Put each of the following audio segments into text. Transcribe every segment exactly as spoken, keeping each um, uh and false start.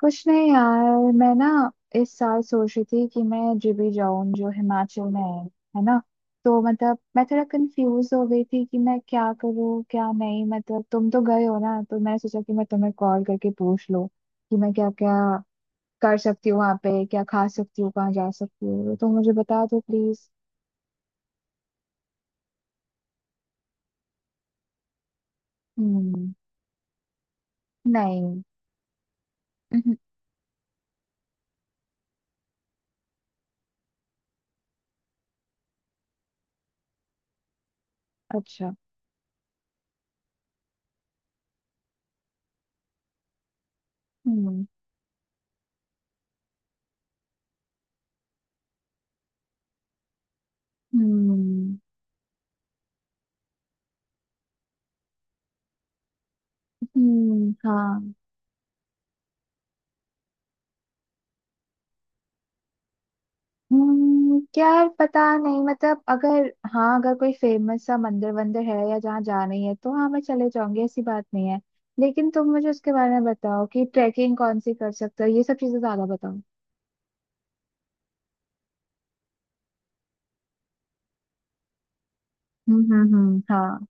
कुछ नहीं यार, मैं ना इस साल सोच रही थी कि मैं जी बी जाऊं जो हिमाचल में है। है ना? तो मतलब मैं थोड़ा कंफ्यूज हो गई थी कि मैं क्या करूं क्या नहीं। मतलब तुम तो गए हो ना, तो मैंने सोचा कि मैं तुम्हें कॉल करके पूछ लूं कि मैं क्या क्या कर सकती हूँ, वहां पे क्या खा सकती हूँ, कहाँ जा सकती हूँ। तो मुझे बता दो प्लीज। हम्म। नहीं। अच्छा। हम्म हम्म हम्म। हाँ। हम्म, यार पता नहीं, मतलब अगर। हाँ अगर कोई फेमस सा मंदिर वंदिर है या जहाँ जाना ही है तो हाँ मैं चले जाऊंगी, ऐसी बात नहीं है। लेकिन तुम मुझे उसके बारे में बताओ कि ट्रैकिंग कौन सी कर सकते हो, ये सब चीजें ज्यादा बताओ। हम्म हम्म हम्म, हाँ।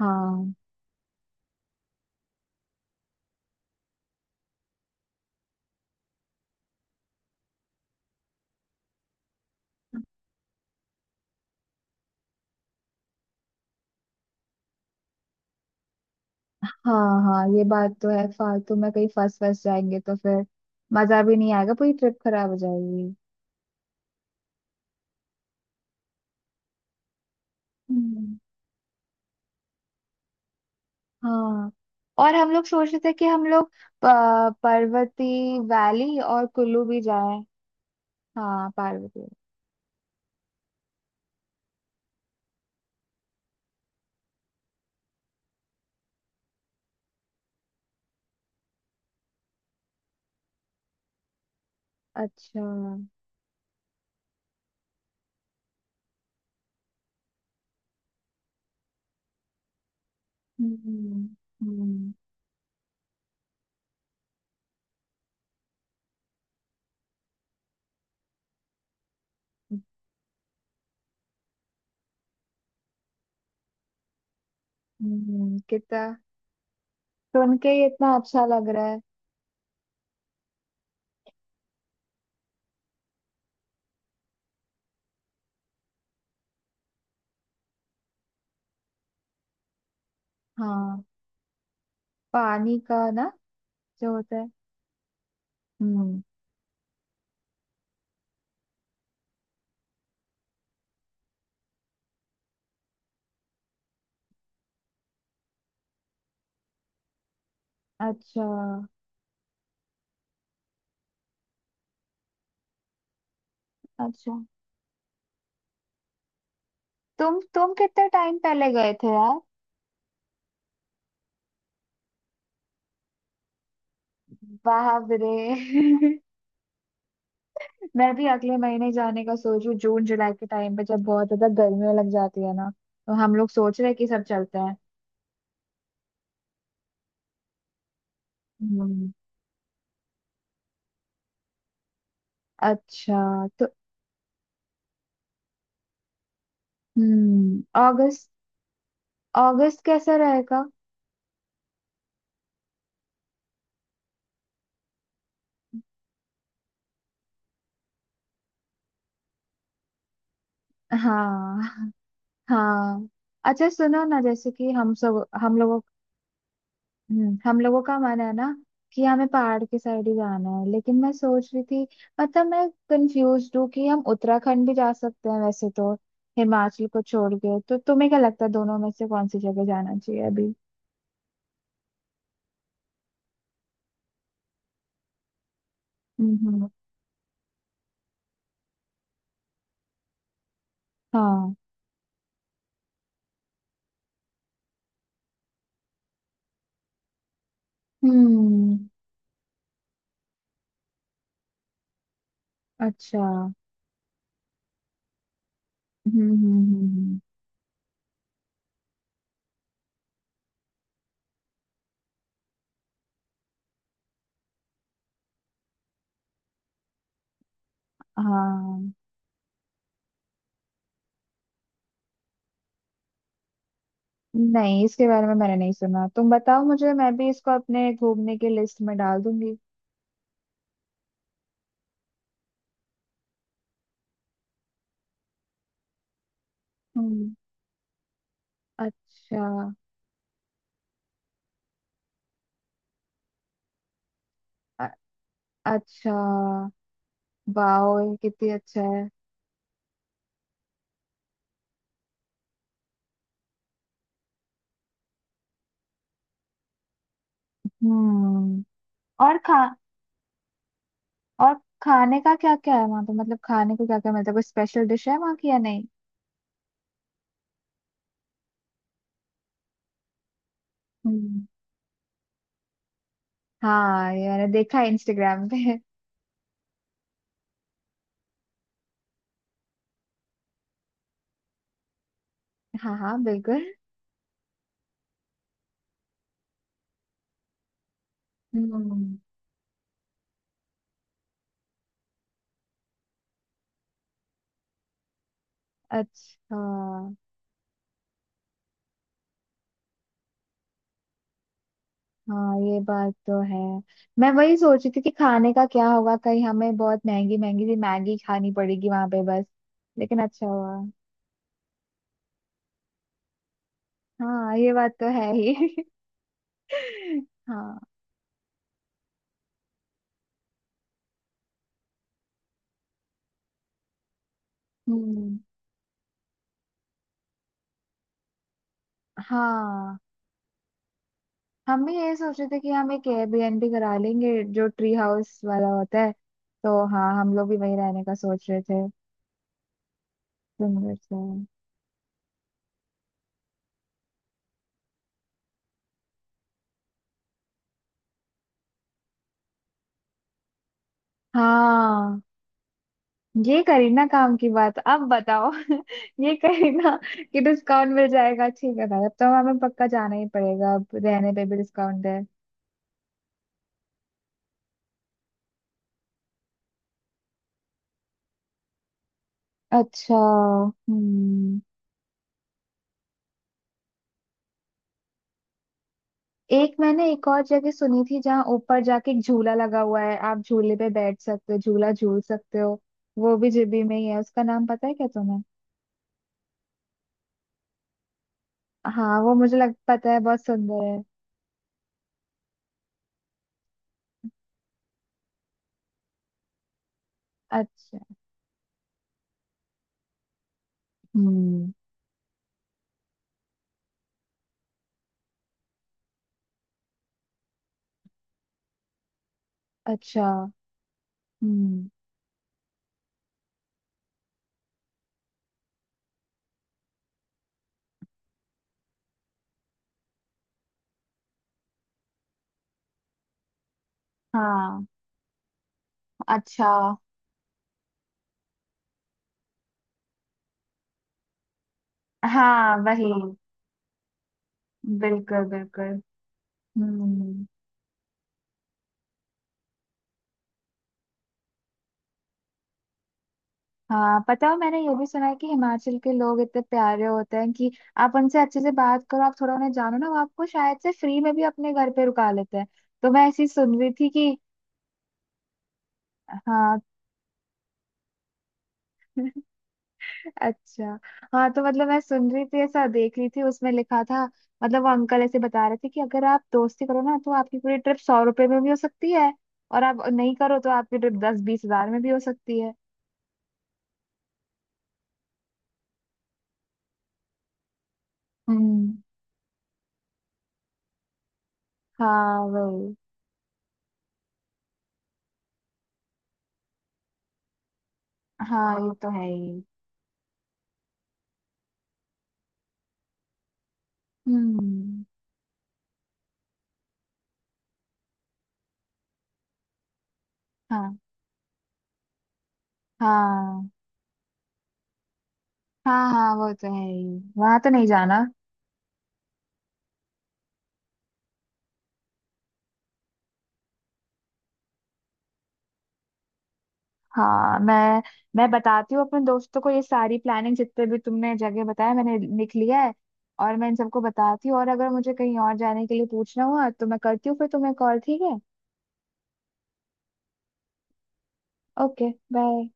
हाँ हाँ हाँ, ये बात तो है। फालतू में कहीं फंस फंस जाएंगे तो फिर मजा भी नहीं आएगा, पूरी ट्रिप खराब हो जाएगी। हम्म। हाँ। और हम लोग सोच रहे थे कि हम लोग अ, पर्वती वैली और कुल्लू भी जाएं। हाँ पार्वती। अच्छा। हम्म हम्म हम्म कितना। सुन के ही इतना अच्छा लग रहा है। हाँ, पानी का ना जो होता है। हम्म। अच्छा। अच्छा तुम तुम कितने टाइम पहले गए थे यार? बाप रे। मैं भी अगले महीने जाने का सोच रही हूँ, जून जुलाई के टाइम पे जब बहुत ज्यादा गर्मी लग जाती है ना। तो हम लोग सोच रहे हैं कि सब चलते हैं। हम्म। अच्छा तो। हम्म अगस्त। अगस्त कैसा रहेगा? हाँ। हाँ। अच्छा सुनो ना, जैसे कि हम सब हम लोगों। हम्म, हम लोगों का मन है ना कि हमें पहाड़ के साइड ही जाना है, लेकिन मैं सोच रही थी। मतलब मैं कंफ्यूज हूँ कि हम उत्तराखंड भी जा सकते हैं वैसे तो, हिमाचल को छोड़ के। तो तुम्हें क्या लगता है दोनों में से कौन सी जगह जाना चाहिए अभी? हम्म। हाँ। हम्म। अच्छा। हम्म हम्म हम्म, हम्म, हाँ। नहीं, इसके बारे में मैंने नहीं सुना। तुम बताओ मुझे, मैं भी इसको अपने घूमने की लिस्ट में डाल दूंगी। हम्म, अच्छा। अ- अच्छा। वाओ, ये कितनी अच्छा है। हम्म। और खा। और खाने का क्या क्या है वहां पे, मतलब खाने को क्या क्या मिलता है? कोई स्पेशल डिश है वहां की या नहीं? हम्म। हाँ ये मैंने देखा है इंस्टाग्राम पे। हाँ हाँ बिल्कुल। हम्म। अच्छा। हाँ ये बात तो है। मैं वही सोच रही थी कि खाने का क्या होगा, कहीं हमें बहुत महंगी महंगी सी मैगी खानी पड़ेगी वहां पे बस। लेकिन अच्छा हुआ। हाँ ये बात तो है ही। हाँ। हम्म। हाँ हम भी यही सोच रहे थे कि हम एक ए बी एन बी करा लेंगे जो ट्री हाउस वाला होता है। तो हाँ हम लोग भी वही रहने का सोच रहे थे। सिमिलर से। हाँ ये करी ना काम की बात अब बताओ। ये करी ना कि डिस्काउंट मिल जाएगा। ठीक है भाई, अब तो हमें पक्का जाना ही पड़ेगा, अब रहने पे भी डिस्काउंट है। अच्छा। हम्म। एक मैंने एक और जगह सुनी थी जहाँ ऊपर जाके एक झूला लगा हुआ है, आप झूले पे बैठ सकते हो, झूला झूल सकते हो। वो भी जी बी में ही है, उसका नाम पता है क्या तुम्हें? हाँ वो मुझे लग पता है बहुत सुंदर है। अच्छा। हम्म। अच्छा। हम्म। हाँ। अच्छा। हाँ वही। बिल्कुल बिल्कुल। हम्म। हाँ पता है मैंने ये भी सुना है कि हिमाचल के लोग इतने प्यारे होते हैं कि आप उनसे अच्छे से बात करो, आप थोड़ा उन्हें जानो ना, वो आपको शायद से फ्री में भी अपने घर पे रुका लेते हैं। तो मैं ऐसी सुन रही थी कि। हाँ। अच्छा। हाँ तो मतलब मैं सुन रही थी, ऐसा देख रही थी, उसमें लिखा था मतलब वो अंकल ऐसे बता रहे थे कि अगर आप दोस्ती करो ना तो आपकी पूरी ट्रिप सौ रुपए में भी हो सकती है। और आप नहीं करो तो आपकी ट्रिप दस बीस हजार में भी हो सकती है। हम्म। हाँ वही। हाँ ये तो है ही। हम्म। हाँ। हाँ हाँ, हाँ वो तो है ही। वहां तो नहीं जाना। हाँ मैं। मैं बताती हूँ अपने दोस्तों को, ये सारी प्लानिंग जितने भी तुमने जगह बताया मैंने लिख लिया है। और मैं इन सबको बताती हूँ, और अगर मुझे कहीं और जाने के लिए पूछना हुआ तो मैं करती हूँ फिर तुम्हें कॉल। ठीक है। Okay bye.